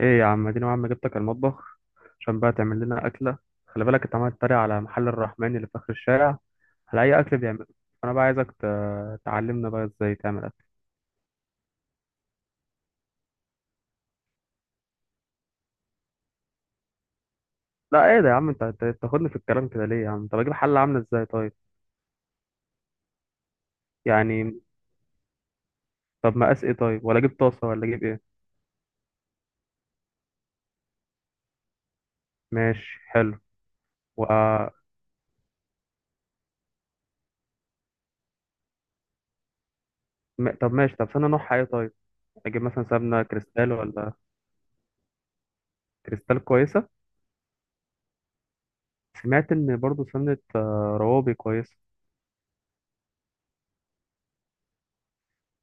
ايه يا عم؟ اديني عم جبتك المطبخ عشان بقى تعمل لنا اكله. خلي بالك انت عمال تتريق على محل الرحمن اللي في اخر الشارع على اي اكل بيعمله. انا بقى عايزك تعلمنا بقى ازاي تعمل اكل. لا ايه ده يا عم؟ انت تاخدني في الكلام كده ليه يا عم؟ طب اجيب حله عامله ازاي طيب؟ يعني طب مقاس ايه طيب؟ ولا اجيب طاسه ولا اجيب ايه؟ ماشي حلو. و... طب ماشي، طب سمنه نوعها ايه طيب؟ اجيب مثلا سمنه كريستال ولا؟ كريستال كويسه. سمعت ان برضو سمنه روابي كويسه.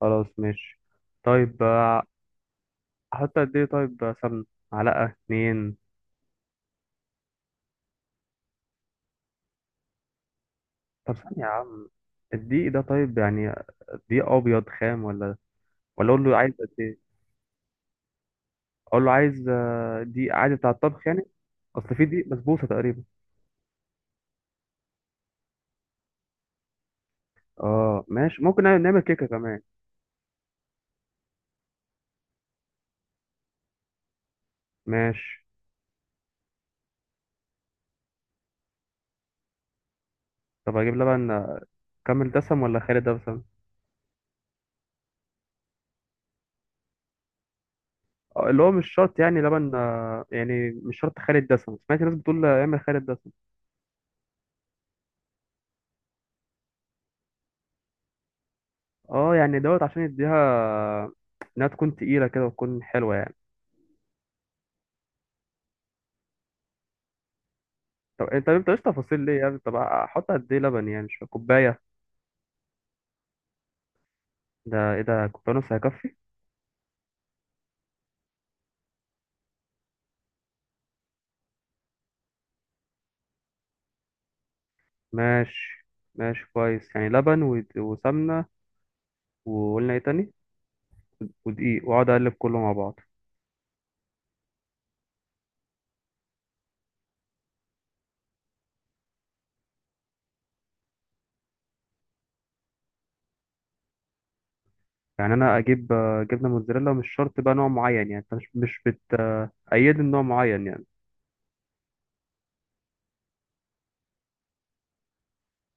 خلاص ماشي. طيب. احط قد ايه طيب سمنة؟ معلقة اتنين. طب ثانية يا عم، الدقيق ده طيب يعني دقيق ابيض خام ولا؟ ولا اقول له عايز قد ايه؟ اقول له عايز دقيق عادي بتاع الطبخ يعني. اصل في دقيق بسبوسة تقريبا. اه ماشي، ممكن نعمل كيكة كمان. ماشي. طب اجيب لبن، كامل دسم ولا خالي دسم؟ اللي هو مش شرط يعني لبن، يعني مش شرط خالي الدسم. سمعت ناس بتقول اعمل خالي الدسم. اه يعني دوت عشان يديها انها تكون تقيلة كده وتكون حلوة يعني. طب انت مش تفاصيل ليه يعني؟ طب احط قد ايه لبن يعني؟ مش فاهم. كوبايه؟ ده ايه ده؟ كوبايه ونص هيكفي؟ ماشي. ماشي كويس، يعني لبن وسمنه، وقلنا ايه تاني؟ ودقيق، واقعد اقلب كله مع بعض. يعني انا اجيب جبنه موتزاريلا مش شرط بقى نوع معين يعني، انت مش بتأيدني نوع معين يعني؟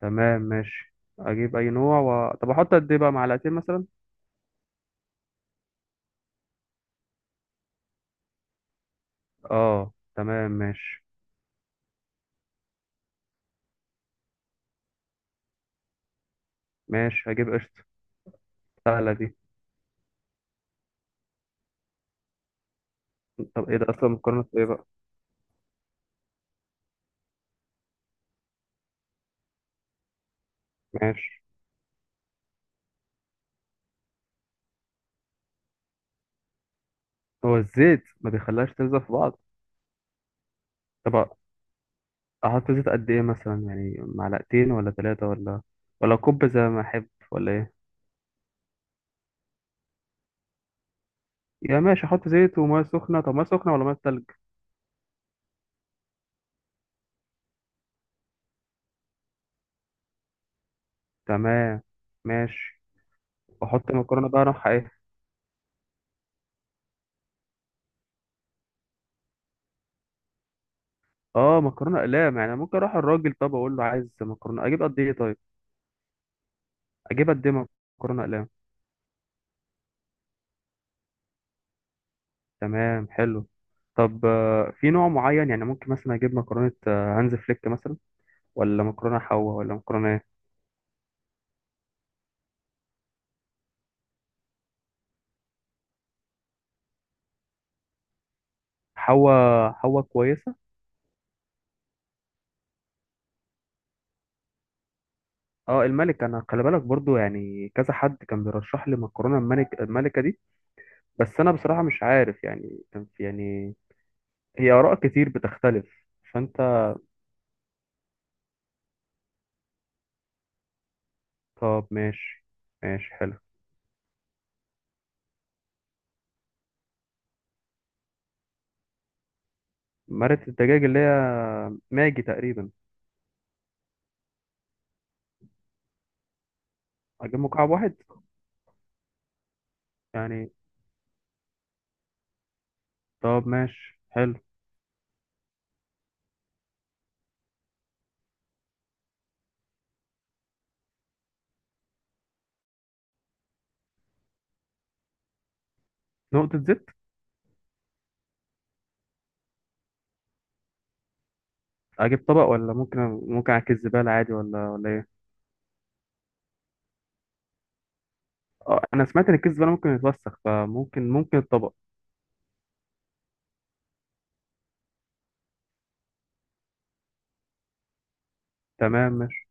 تمام ماشي، اجيب اي نوع. طب احط قد ايه بقى، معلقتين مثلا؟ اه تمام ماشي. ماشي، هجيب قشطه. سهله دي. طب ايه ده اصلا مكرونه ايه بقى؟ ماشي. هو الزيت ما بيخليهاش تلزق في بعض؟ طب احط زيت قد ايه مثلا؟ يعني معلقتين ولا ثلاثة، ولا ولا كوب زي ما احب ولا ايه؟ يا ماشي، احط زيت وميه سخنة. طب ميه سخنة ولا ميه تلج؟ تمام. ماشي. واحط مكرونة بقى اروح ايه؟ اه مكرونة اقلام، يعني ممكن اروح الراجل طب اقول له عايز مكرونة؟ اجيب قد ايه طيب؟ اجيب قد ايه مكرونة اقلام؟ تمام حلو. طب في نوع معين، يعني ممكن مثلا اجيب مكرونة هانز فليك مثلا ولا مكرونة حوا ولا مكرونة ايه؟ حوا، حوا كويسة. اه الملك، انا خلي بالك برضو يعني كذا حد كان بيرشح لي مكرونه الملك، الملكه دي. بس انا بصراحه مش عارف، يعني كان في يعني هي اراء كتير بتختلف، فانت. طب ماشي. ماشي حلو. مرقه الدجاج اللي هي ماجي تقريبا؟ اجيب مكعب واحد يعني؟ طب ماشي حلو. نقطه زيت؟ اجيب طبق ولا ممكن، ممكن اكيس زباله عادي ولا ايه؟ اه انا سمعت ان الكيس زباله ممكن يتوسخ، فممكن الطبق. تمام ماشي.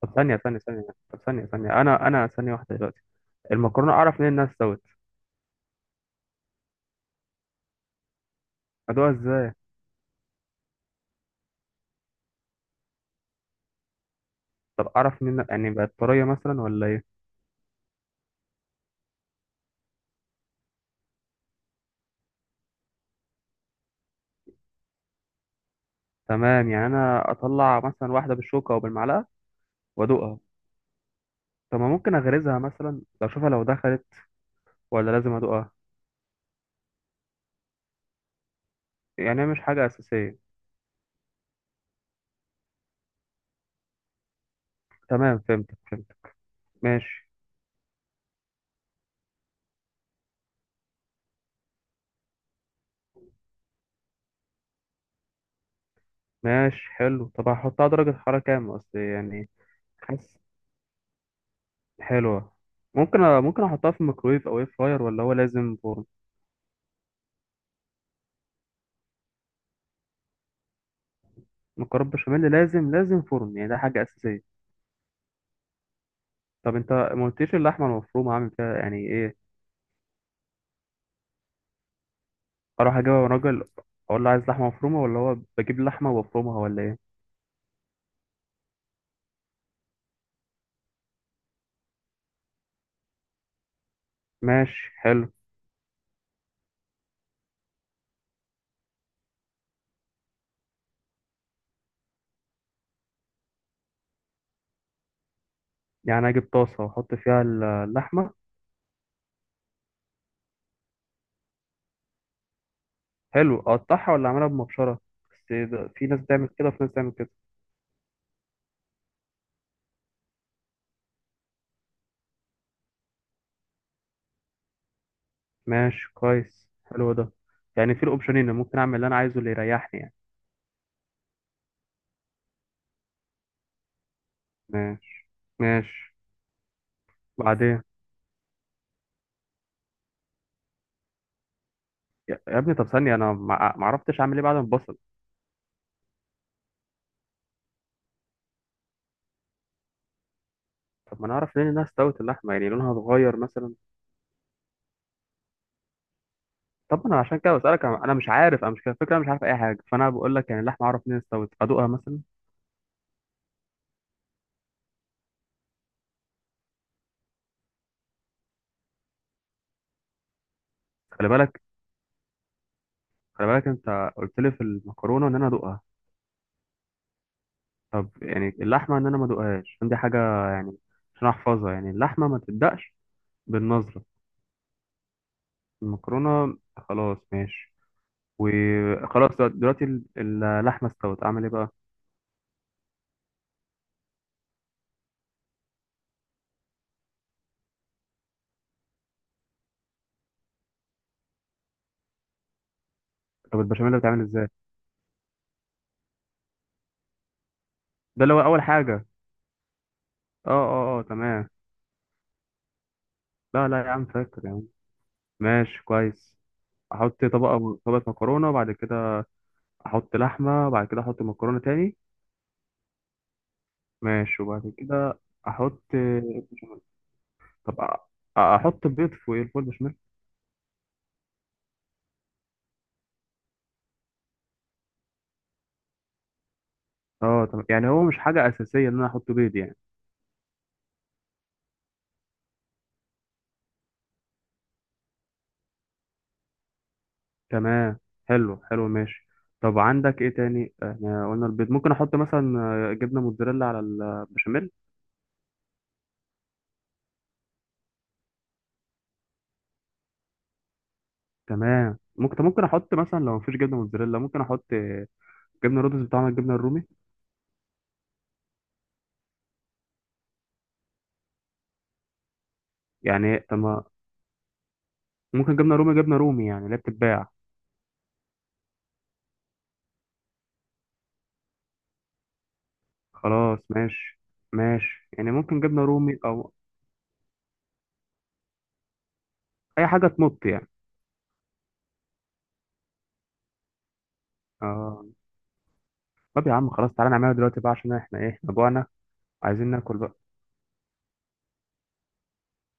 طب ثانيه ثانيه ثانيه، طب ثانيه ثانيه، انا ثانيه واحده دلوقتي. المكرونه اعرف منين انها استوت؟ ادوها ازاي؟ طب اعرف منين، يعني بقت طريه مثلا ولا ايه؟ تمام، يعني انا اطلع مثلا واحده بالشوكه او بالمعلقه وادوقها. طب ما ممكن اغرزها مثلا اشوفها لو دخلت، ولا لازم ادوقها؟ يعني هي مش حاجه اساسيه؟ تمام، فهمت فهمت. ماشي. ماشي حلو. طب هحطها درجه حراره كام اصل يعني؟ حاسس. حلوه. ممكن ممكن احطها في الميكرويف او اير فراير، ولا هو لازم فرن؟ مكرونه بشاميل لازم لازم فرن يعني، ده حاجه اساسيه؟ طب انت ما قلتليش اللحمه المفرومه عامل فيها يعني ايه. اروح اجيب راجل اقول له عايز لحمه مفرومه، ولا هو بجيب لحمه وبفرمها ولا ايه؟ ماشي حلو. يعني اجيب طاسه واحط فيها اللحمه. حلو. اقطعها ولا اعملها بمبشره؟ بس في ناس بتعمل كده وفي ناس بتعمل كده. ماشي كويس، حلو ده. يعني في الاوبشنين ممكن اعمل اللي انا عايزه، اللي يريحني يعني. ماشي. ماشي. بعدين. يا ابني، طب ثانيه، انا ما عرفتش اعمل ايه بعد ما البصل. طب ما انا اعرف ليه انها استوت اللحمه، يعني لونها اتغير مثلا؟ طب انا عشان كده بسألك، انا مش عارف، انا مش كده الفكره، أنا مش عارف اي حاجه، فانا بقول لك يعني اللحمه اعرف منين استوت؟ ادوقها مثلا؟ خلي بالك. خلي بالك انت قلت لي في المكرونه ان انا ادوقها. طب يعني اللحمه ان انا ما ادوقهاش عشان دي حاجه، يعني عشان احفظها، يعني اللحمه ما تبدأش. بالنظره؟ المكرونه خلاص ماشي. وخلاص دلوقتي اللحمه استوت، اعمل ايه بقى؟ طب البشاميل بتعمل ازاي؟ ده اللي هو اول حاجه. اه اه اه تمام. لا لا يا عم، فاكر يا عم. ماشي كويس. احط طبقه، طبقه مكرونه، وبعد كده احط لحمه، وبعد كده احط مكرونه تاني. ماشي، وبعد كده احط بشاميل. طب احط بيض فوق الفول بشاميل؟ اه تمام، يعني هو مش حاجه اساسيه ان انا احط بيض يعني. تمام. حلو حلو ماشي. طب عندك ايه تاني؟ احنا قلنا البيض، ممكن احط مثلا جبنه موتزاريلا على البشاميل. تمام ممكن. طب ممكن احط مثلا لو مفيش جبنه موتزاريلا ممكن احط جبنه رودس بتاع الجبنه الرومي؟ يعني إيه؟ طب ممكن جبنه رومي، جبنه رومي يعني اللي هي بتتباع. خلاص ماشي. ماشي، يعني ممكن جبنة رومي أو أي حاجة تمط يعني. آه. طب يا عم خلاص، تعالى نعملها دلوقتي بقى، عشان احنا ايه، احنا جوعنا، عايزين ناكل بقى.